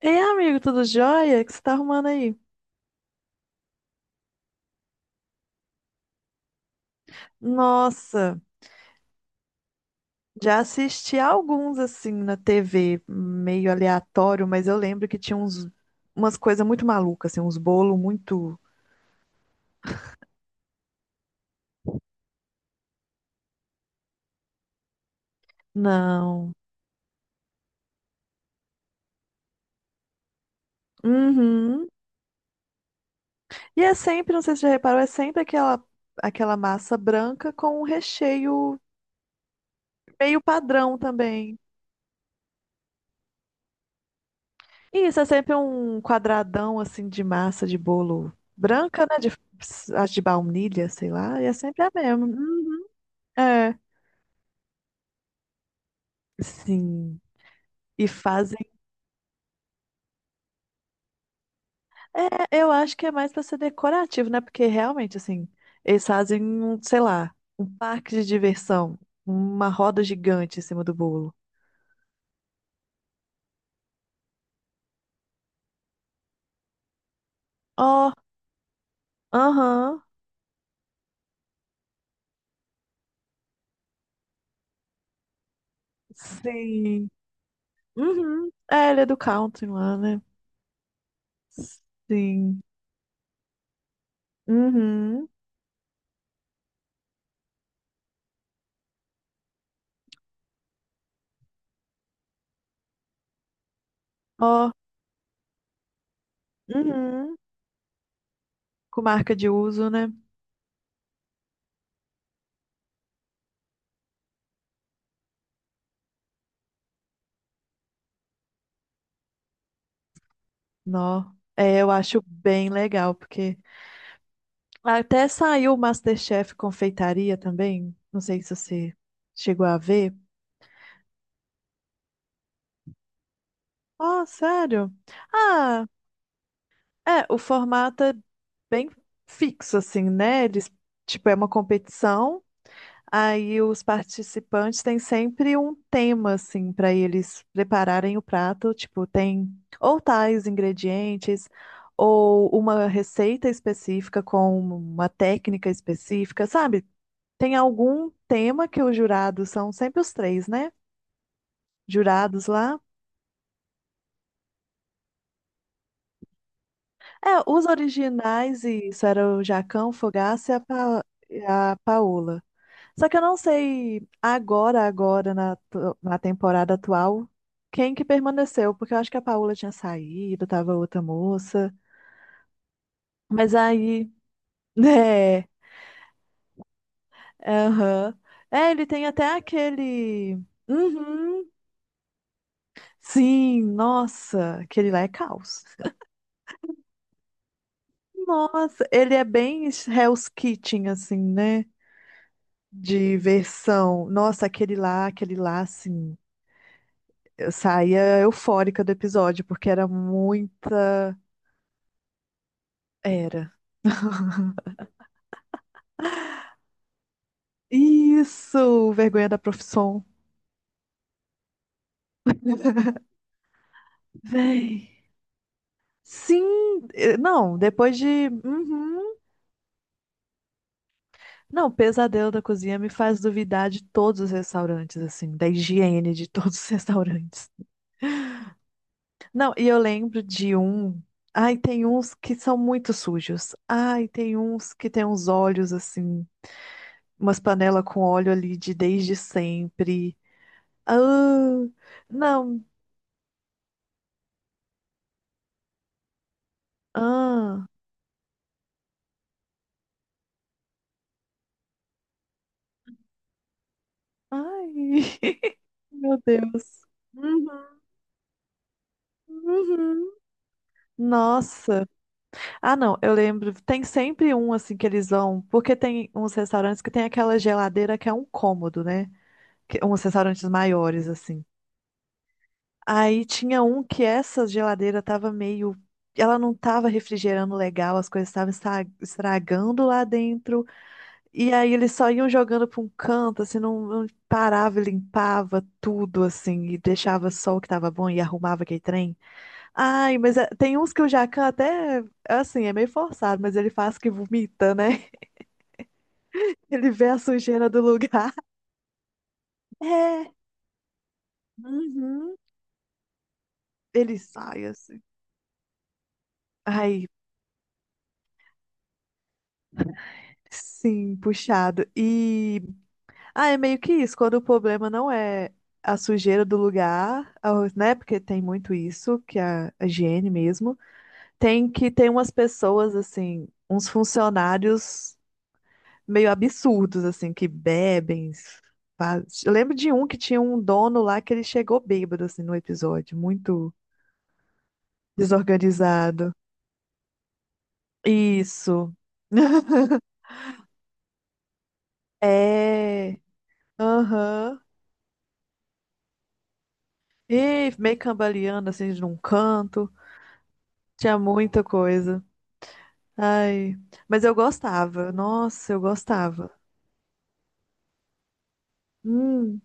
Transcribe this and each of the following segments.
Ei, amigo, tudo jóia? O que você tá arrumando aí? Nossa, já assisti alguns assim na TV, meio aleatório, mas eu lembro que tinha uns, umas coisas muito malucas, assim, uns bolos muito. Não. Uhum. E é sempre, não sei se você já reparou, é sempre aquela, aquela massa branca com um recheio meio padrão também. E isso é sempre um quadradão assim de massa de bolo branca, né? De, acho de baunilha, sei lá, e é sempre a mesma. Uhum. É. Sim. E fazem. É, eu acho que é mais para ser decorativo, né? Porque realmente, assim, eles fazem, sei lá, um parque de diversão, uma roda gigante em cima do bolo. Ó, aham, sim. Uhum. É, ele é do country lá, né? Sim. Uhum. Ó, uhum. Com marca de uso, né? Nó. É, eu acho bem legal, porque. Até saiu o MasterChef Confeitaria também. Não sei se você chegou a ver. Oh, sério? Ah, é, o formato é bem fixo, assim, né? Eles, tipo, é uma competição, aí os participantes têm sempre um tema, assim, para eles prepararem o prato. Tipo, tem ou tais ingredientes, ou uma receita específica com uma técnica específica, sabe? Tem algum tema que os jurados são sempre os três, né? Jurados lá. É, os originais, e isso era o Jacão, o Fogaça e a, e a Paola. Só que eu não sei agora, agora, na temporada atual, quem que permaneceu, porque eu acho que a Paola tinha saído, tava outra moça. Mas aí, né? Aham. É, ele tem até aquele. Uhum. Sim, nossa, aquele lá é caos. Nossa, ele é bem Hell's Kitchen, assim, né? De versão. Nossa, aquele lá, assim. Eu saía eufórica do episódio, porque era muita. Era. Isso! Vergonha da profissão. Véi. Sim! Não, depois de. Uhum. Não, o pesadelo da cozinha me faz duvidar de todos os restaurantes, assim, da higiene de todos os restaurantes. Não, e eu lembro de um. Ai, tem uns que são muito sujos. Ai, tem uns que tem uns olhos assim, umas panelas com óleo ali de desde sempre. Ah, não. Ah, ai, meu Deus. Uhum, uhum. Nossa. Ah, não, eu lembro. Tem sempre um assim que eles vão, porque tem uns restaurantes que tem aquela geladeira que é um cômodo, né? Uns restaurantes maiores assim. Aí tinha um que essa geladeira tava meio. Ela não tava refrigerando legal, as coisas estavam estragando lá dentro. E aí eles só iam jogando pra um canto, assim, não, não parava e limpava tudo, assim, e deixava só o que tava bom e arrumava aquele trem. Ai, tem uns que o Jacan até, assim, é meio forçado, mas ele faz que vomita, né? Ele vê a sujeira do lugar. É, uhum, ele sai, assim. Ai, sim, puxado. E. Ah, é meio que isso, quando o problema não é a sujeira do lugar, né? Porque tem muito isso, que é a higiene mesmo. Tem que ter umas pessoas, assim, uns funcionários meio absurdos, assim, que bebem. Eu lembro de um que tinha um dono lá que ele chegou bêbado, assim, no episódio, muito desorganizado. Isso. É. Aham. E meio cambaleando, assim, de um canto. Tinha muita coisa. Ai, mas eu gostava. Nossa, eu gostava. Hum,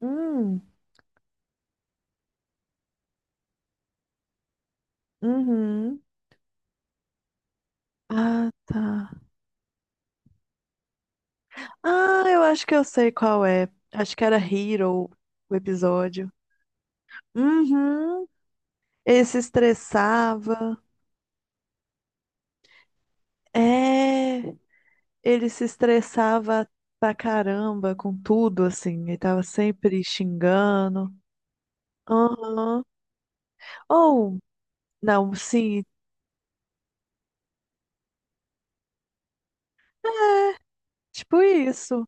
hum, uhum. Ah, tá. Ah, eu acho que eu sei qual é. Acho que era Hero o episódio. Uhum. Ele se estressava. É, ele se estressava pra caramba com tudo, assim. Ele tava sempre xingando. Aham. Ou, não, sim, tipo isso.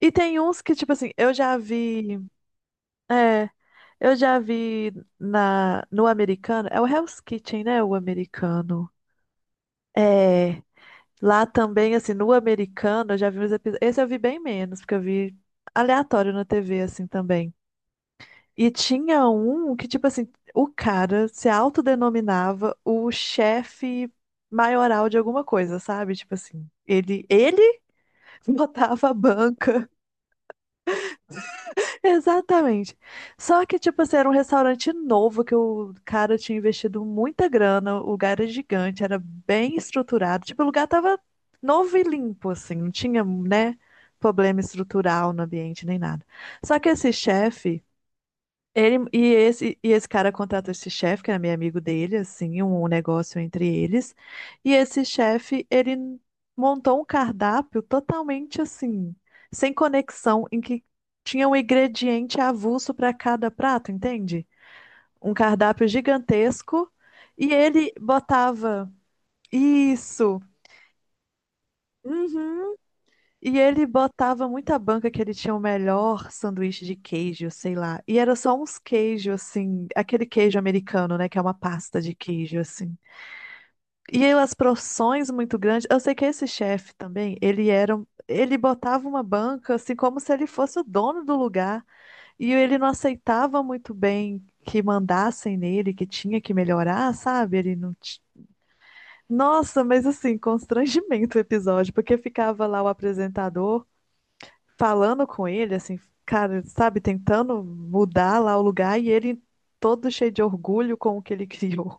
E tem uns que, tipo assim, eu já vi. É. Eu já vi no americano, é o Hell's Kitchen, né? O americano. É, lá também, assim, no americano, eu já vi uns episódios. Esse eu vi bem menos, porque eu vi aleatório na TV, assim, também. E tinha um que, tipo assim, o cara se autodenominava o chefe maioral de alguma coisa, sabe? Tipo assim, ele botava a banca. Exatamente. Só que, tipo assim, era um restaurante novo que o cara tinha investido muita grana, o lugar era gigante, era bem estruturado. Tipo, o lugar tava novo e limpo, assim, não tinha, né, problema estrutural no ambiente nem nada. Só que esse chefe. E esse cara contrata esse chefe, que era meio amigo dele, assim, um negócio entre eles. E esse chefe, ele montou um cardápio totalmente assim, sem conexão, em que tinha um ingrediente avulso para cada prato, entende? Um cardápio gigantesco. E ele botava isso. Uhum. E ele botava muita banca que ele tinha o melhor sanduíche de queijo, sei lá. E era só uns queijos, assim, aquele queijo americano, né? Que é uma pasta de queijo, assim. E aí, as porções muito grandes. Eu sei que esse chefe também, ele era. Ele botava uma banca, assim, como se ele fosse o dono do lugar. E ele não aceitava muito bem que mandassem nele, que tinha que melhorar, sabe? Ele não. Nossa, mas assim, constrangimento o episódio, porque ficava lá o apresentador falando com ele, assim, cara, sabe, tentando mudar lá o lugar e ele todo cheio de orgulho com o que ele criou.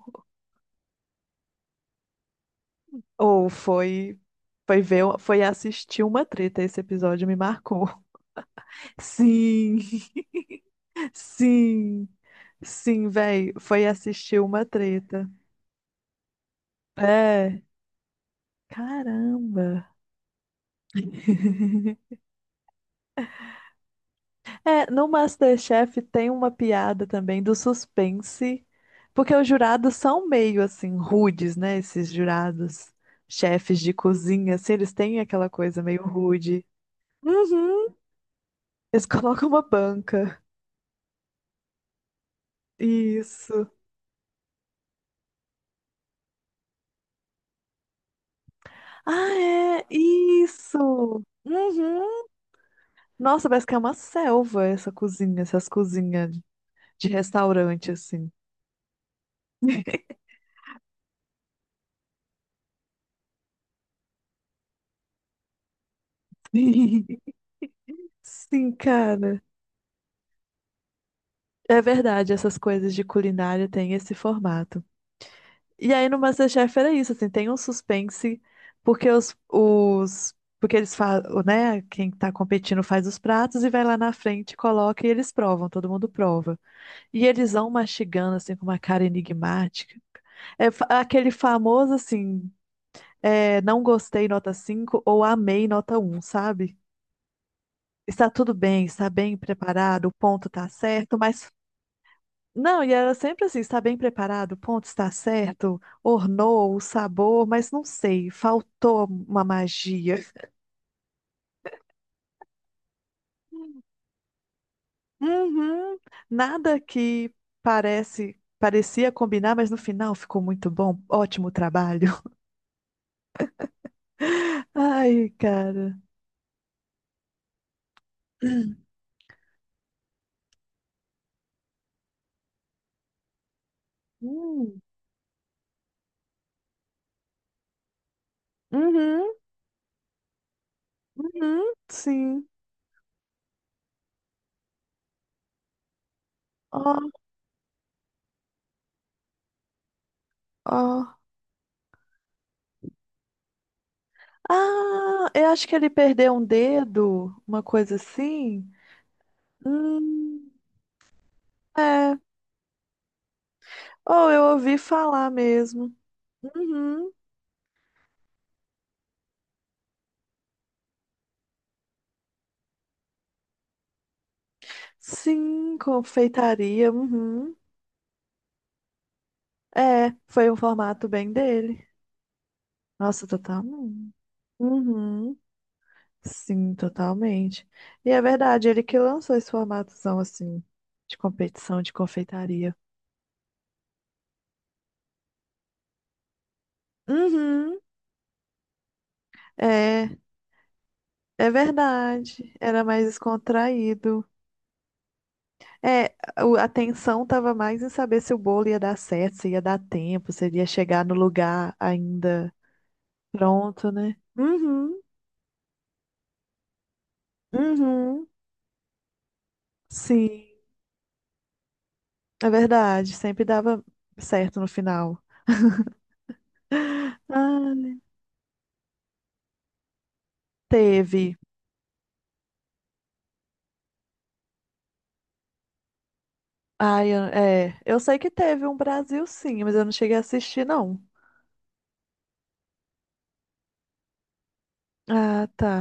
Ou foi foi ver, foi assistir uma treta, esse episódio me marcou. Sim, sim, sim, véi, foi assistir uma treta. É, caramba. É, no MasterChef tem uma piada também do suspense, porque os jurados são meio assim rudes, né? Esses jurados, chefes de cozinha, assim, eles têm aquela coisa meio rude. Uhum. Eles colocam uma banca. Isso. Ah, é, isso. Uhum. Nossa, parece que é uma selva essa cozinha, essas cozinhas de restaurante, assim. Sim, cara. É verdade, essas coisas de culinária têm esse formato. E aí no MasterChef era isso, assim, tem um suspense, porque os porque eles falam, né, quem tá competindo faz os pratos e vai lá na frente, coloca e eles provam, todo mundo prova. E eles vão mastigando, assim, com uma cara enigmática. Aquele famoso, assim, é, não gostei, nota 5 ou amei, nota um sabe? Está tudo bem, está bem preparado, o ponto tá certo, mas não, e era sempre assim, está bem preparado, o ponto está certo, ornou o sabor, mas não sei, faltou uma magia. Uhum, nada que parecia combinar, mas no final ficou muito bom, ótimo trabalho. Ai, cara. Hum, Uhum, uhum, sim. Ó, ó. Ah, eu acho que ele perdeu um dedo, uma coisa assim. Hum, é. Oh, eu ouvi falar mesmo. Uhum. Sim, confeitaria. Uhum. É, foi um formato bem dele. Nossa, totalmente. Uhum. Sim, totalmente. E é verdade, ele que lançou esse formatozão assim, de competição de confeitaria. Uhum. É, é verdade. Era mais descontraído. É, a atenção tava mais em saber se o bolo ia dar certo, se ia dar tempo, se ele ia chegar no lugar ainda pronto, né? Uhum. Uhum. Sim. É verdade, sempre dava certo no final. Ah, teve. Ai, é, eu sei que teve um Brasil sim, mas eu não cheguei a assistir, não. Ah, tá.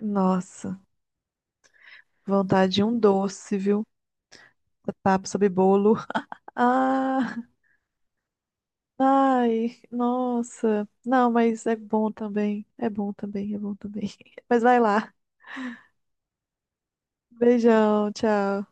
Nossa, vontade de um doce, viu? Papo sobre bolo. Ah, ai, nossa. Não, mas é bom também. É bom também. Mas vai lá. Beijão, tchau.